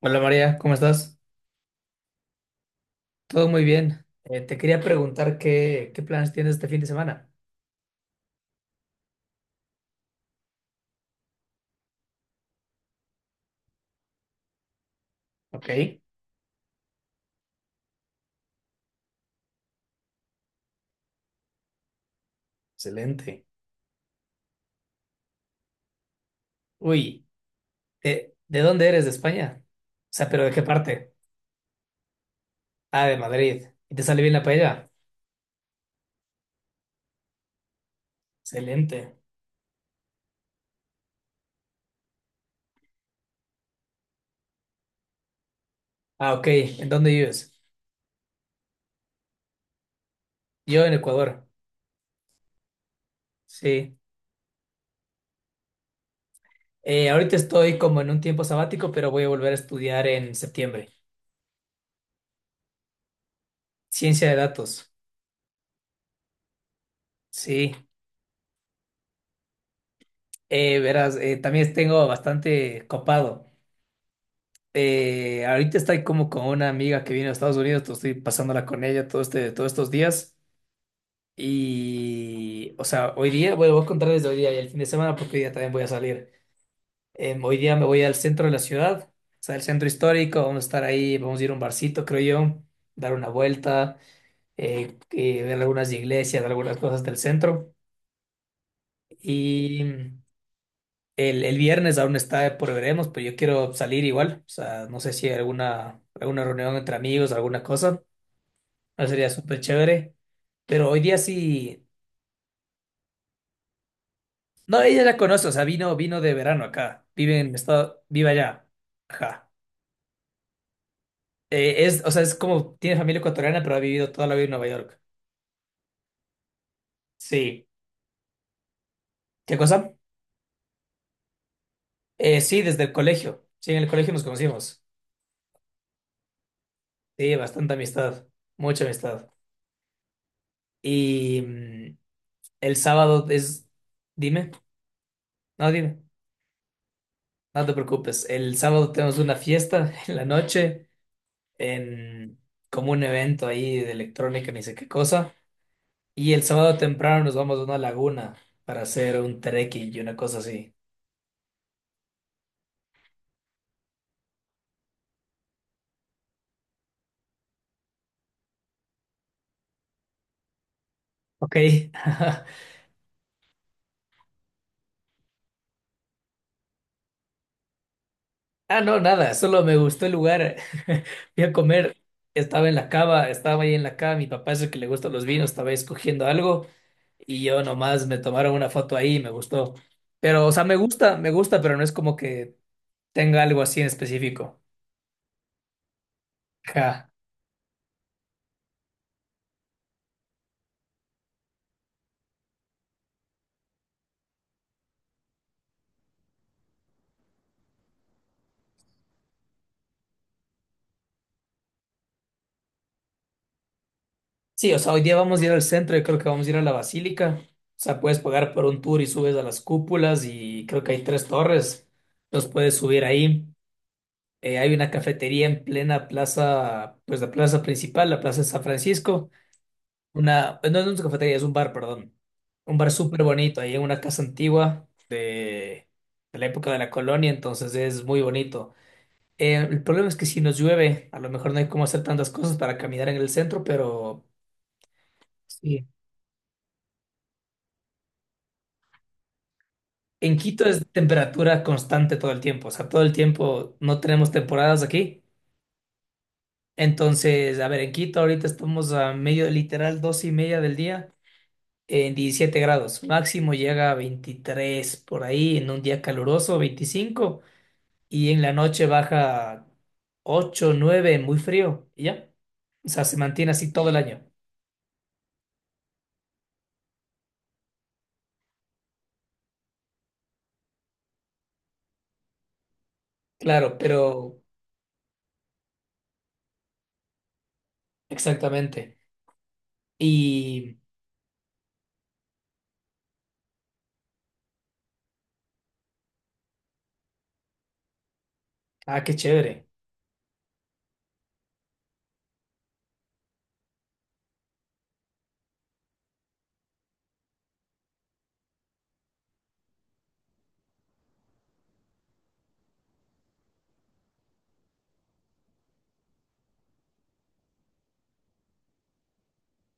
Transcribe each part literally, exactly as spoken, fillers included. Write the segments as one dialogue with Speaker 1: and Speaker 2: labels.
Speaker 1: Hola María, ¿cómo estás? Todo muy bien. Eh, te quería preguntar qué, qué planes tienes este fin de semana. Ok, excelente. Uy, eh, ¿de dónde eres? ¿De España? O sea, ¿pero de qué parte? Ah, de Madrid. ¿Y te sale bien la paella? Excelente. Ah, ok, ¿en dónde vives? Yo en Ecuador. Sí. Eh, ahorita estoy como en un tiempo sabático, pero voy a volver a estudiar en septiembre. Ciencia de datos. Sí. Eh, verás, eh, también tengo bastante copado. Eh, ahorita estoy como con una amiga que viene a Estados Unidos, to- estoy pasándola con ella todo este, todos estos días. Y, o sea, hoy día, bueno, voy a contar desde hoy día y el fin de semana porque hoy día también voy a salir. Em, hoy día me voy al centro de la ciudad, o sea, el centro histórico, vamos a estar ahí, vamos a ir a un barcito, creo yo, dar una vuelta, eh, eh, ver algunas iglesias, algunas cosas del centro. Y mm, el, el viernes aún está por veremos, pero yo quiero salir igual, o sea, no sé si hay alguna, alguna reunión entre amigos, alguna cosa. No sería súper chévere. Pero hoy día sí. No, ella la conoce, o sea, vino, vino de verano acá. Vive en estado, vive allá. Ajá. Eh, es, o sea, es como tiene familia ecuatoriana, pero ha vivido toda la vida en Nueva York. Sí. ¿Qué cosa? Eh, sí, desde el colegio. Sí, en el colegio nos conocimos. Sí, bastante amistad. Mucha amistad. Y mm, el sábado es. Dime. No, dime. No te preocupes. El sábado tenemos una fiesta en la noche. En Como un evento ahí de electrónica, ni sé qué cosa. Y el sábado temprano nos vamos a una laguna para hacer un trekking y una cosa así. Ok. Ah, no, nada, solo me gustó el lugar. Fui a comer, estaba en la cava, estaba ahí en la cava, mi papá es el que le gustan los vinos, estaba escogiendo algo y yo nomás me tomaron una foto ahí y me gustó. Pero, o sea, me gusta, me gusta, pero no es como que tenga algo así en específico. Ja. Sí, o sea, hoy día vamos a ir al centro. Yo creo que vamos a ir a la basílica. O sea, puedes pagar por un tour y subes a las cúpulas y creo que hay tres torres. Los puedes subir ahí. Eh, hay una cafetería en plena plaza, pues la plaza principal, la plaza de San Francisco. Una, pues, no no es una cafetería, es un bar, perdón. Un bar súper bonito, ahí en una casa antigua de, de la época de la colonia, entonces es muy bonito. Eh, el problema es que si nos llueve, a lo mejor no hay cómo hacer tantas cosas para caminar en el centro, pero... Sí. En Quito es temperatura constante todo el tiempo, o sea, todo el tiempo no tenemos temporadas aquí. Entonces, a ver, en Quito ahorita estamos a medio, literal, dos y media del día en diecisiete grados. Máximo llega a veintitrés por ahí en un día caluroso, veinticinco, y en la noche baja ocho nueve muy frío, y ya. O sea, se mantiene así todo el año. Claro, pero exactamente. Y, ah, qué chévere.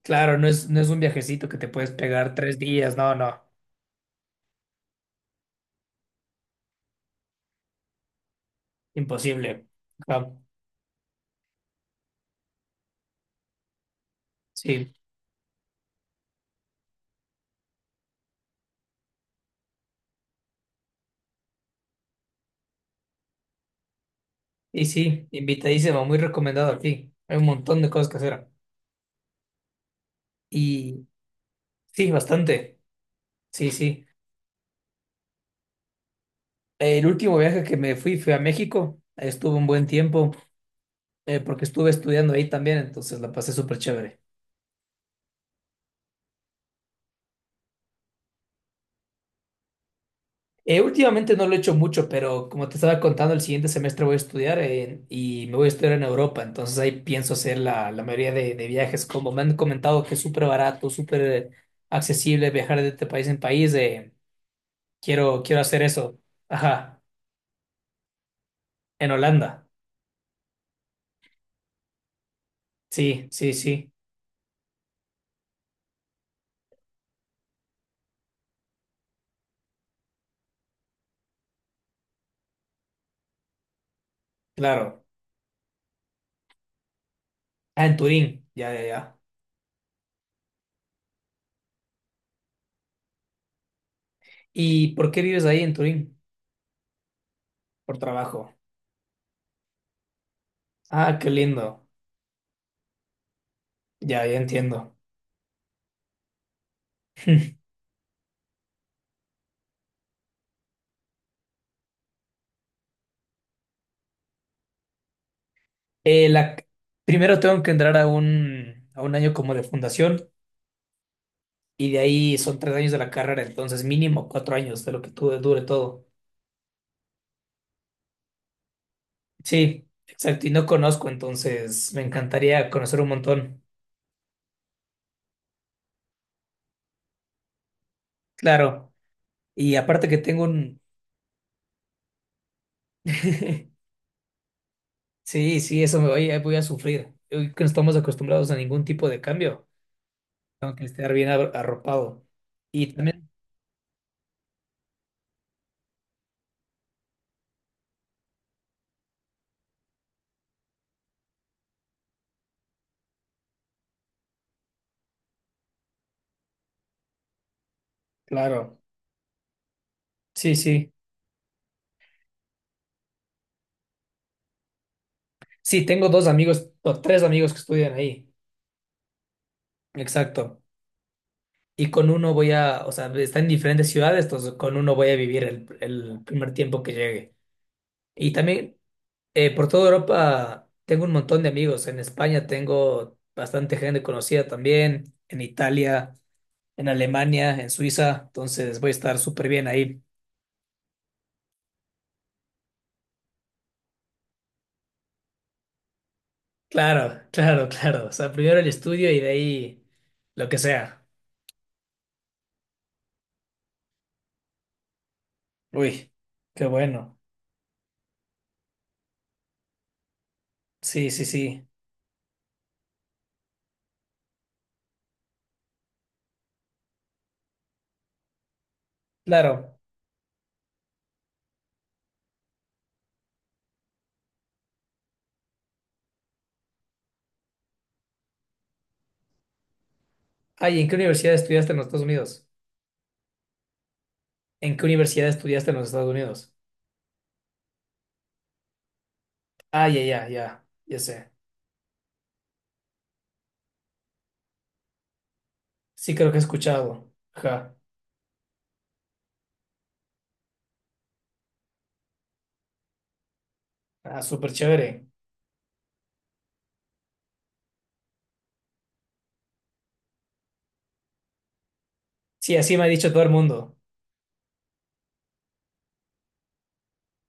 Speaker 1: Claro, no es, no es un viajecito que te puedes pegar tres días, no, no, imposible. Ah, sí, y sí, invitadísimo, muy recomendado aquí. Hay un montón de cosas que hacer. Y sí, bastante, sí, sí. El último viaje que me fui fue a México, estuve un buen tiempo eh, porque estuve estudiando ahí también, entonces la pasé súper chévere. Eh, últimamente no lo he hecho mucho, pero como te estaba contando, el siguiente semestre voy a estudiar en- y me voy a estudiar en Europa, entonces ahí pienso hacer la, la mayoría de, de viajes, como me han comentado que es súper barato, súper accesible viajar de este país en país, eh, quiero, quiero hacer eso. Ajá, en Holanda. Sí, sí, sí, claro. Ah, en Turín, ya, ya, ya. ¿Y por qué vives ahí en Turín? Por trabajo. Ah, qué lindo. Ya, ya entiendo. Eh, la, Primero tengo que entrar a un, a un, año como de fundación y de ahí son tres años de la carrera, entonces mínimo cuatro años de lo que tu- dure todo. Sí, exacto, y no conozco, entonces me encantaría conocer un montón, claro. Y aparte que tengo un... Sí, sí, eso me voy, voy a sufrir. Hoy que no estamos acostumbrados a ningún tipo de cambio, tengo que estar bien ar- arropado. Y también, claro, sí, sí. Sí, tengo dos amigos, o tres amigos que estudian ahí. Exacto. Y con uno voy a, o sea, está en diferentes ciudades, entonces con uno voy a vivir el, el primer tiempo que llegue. Y también eh, por toda Europa tengo un montón de amigos. En España tengo bastante gente conocida también, en Italia, en Alemania, en Suiza, entonces voy a estar súper bien ahí. Claro, claro, claro. O sea, primero el estudio y de ahí lo que sea. Uy, qué bueno. Sí, sí, sí. Claro. Ay, ¿en qué universidad estudiaste en los Estados Unidos? ¿En qué universidad estudiaste en los Estados Unidos? Ah, ya, ya, ya, ya sé. Sí, creo que he escuchado. Ajá. Ah, súper chévere. Sí, así me ha dicho todo el mundo.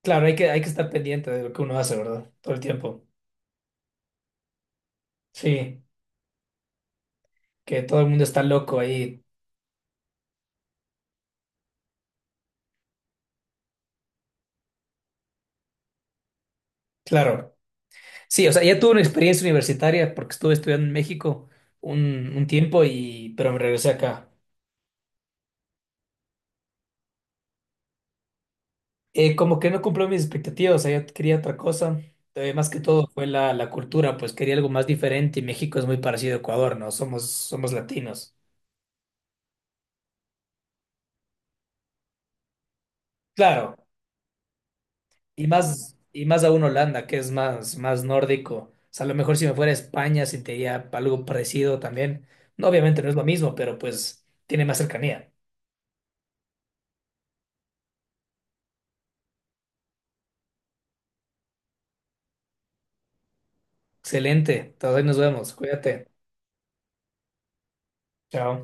Speaker 1: Claro, hay que, hay que estar pendiente de lo que uno hace, ¿verdad? Todo el tiempo. Sí, que todo el mundo está loco ahí. Claro. Sí, o sea, ya tuve una experiencia universitaria porque estuve estudiando en México un, un tiempo y, pero me regresé acá. Eh, como que no cumplió mis expectativas, o sea, yo quería otra cosa. Eh, más que todo fue la, la cultura, pues quería algo más diferente y México es muy parecido a Ecuador, ¿no? Somos, somos latinos. Claro. Y más, y más aún Holanda, que es más, más nórdico. O sea, a lo mejor si me fuera a España sentiría algo parecido también. No, obviamente no es lo mismo, pero pues tiene más cercanía. Excelente. Entonces ahí nos vemos. Cuídate. Chao.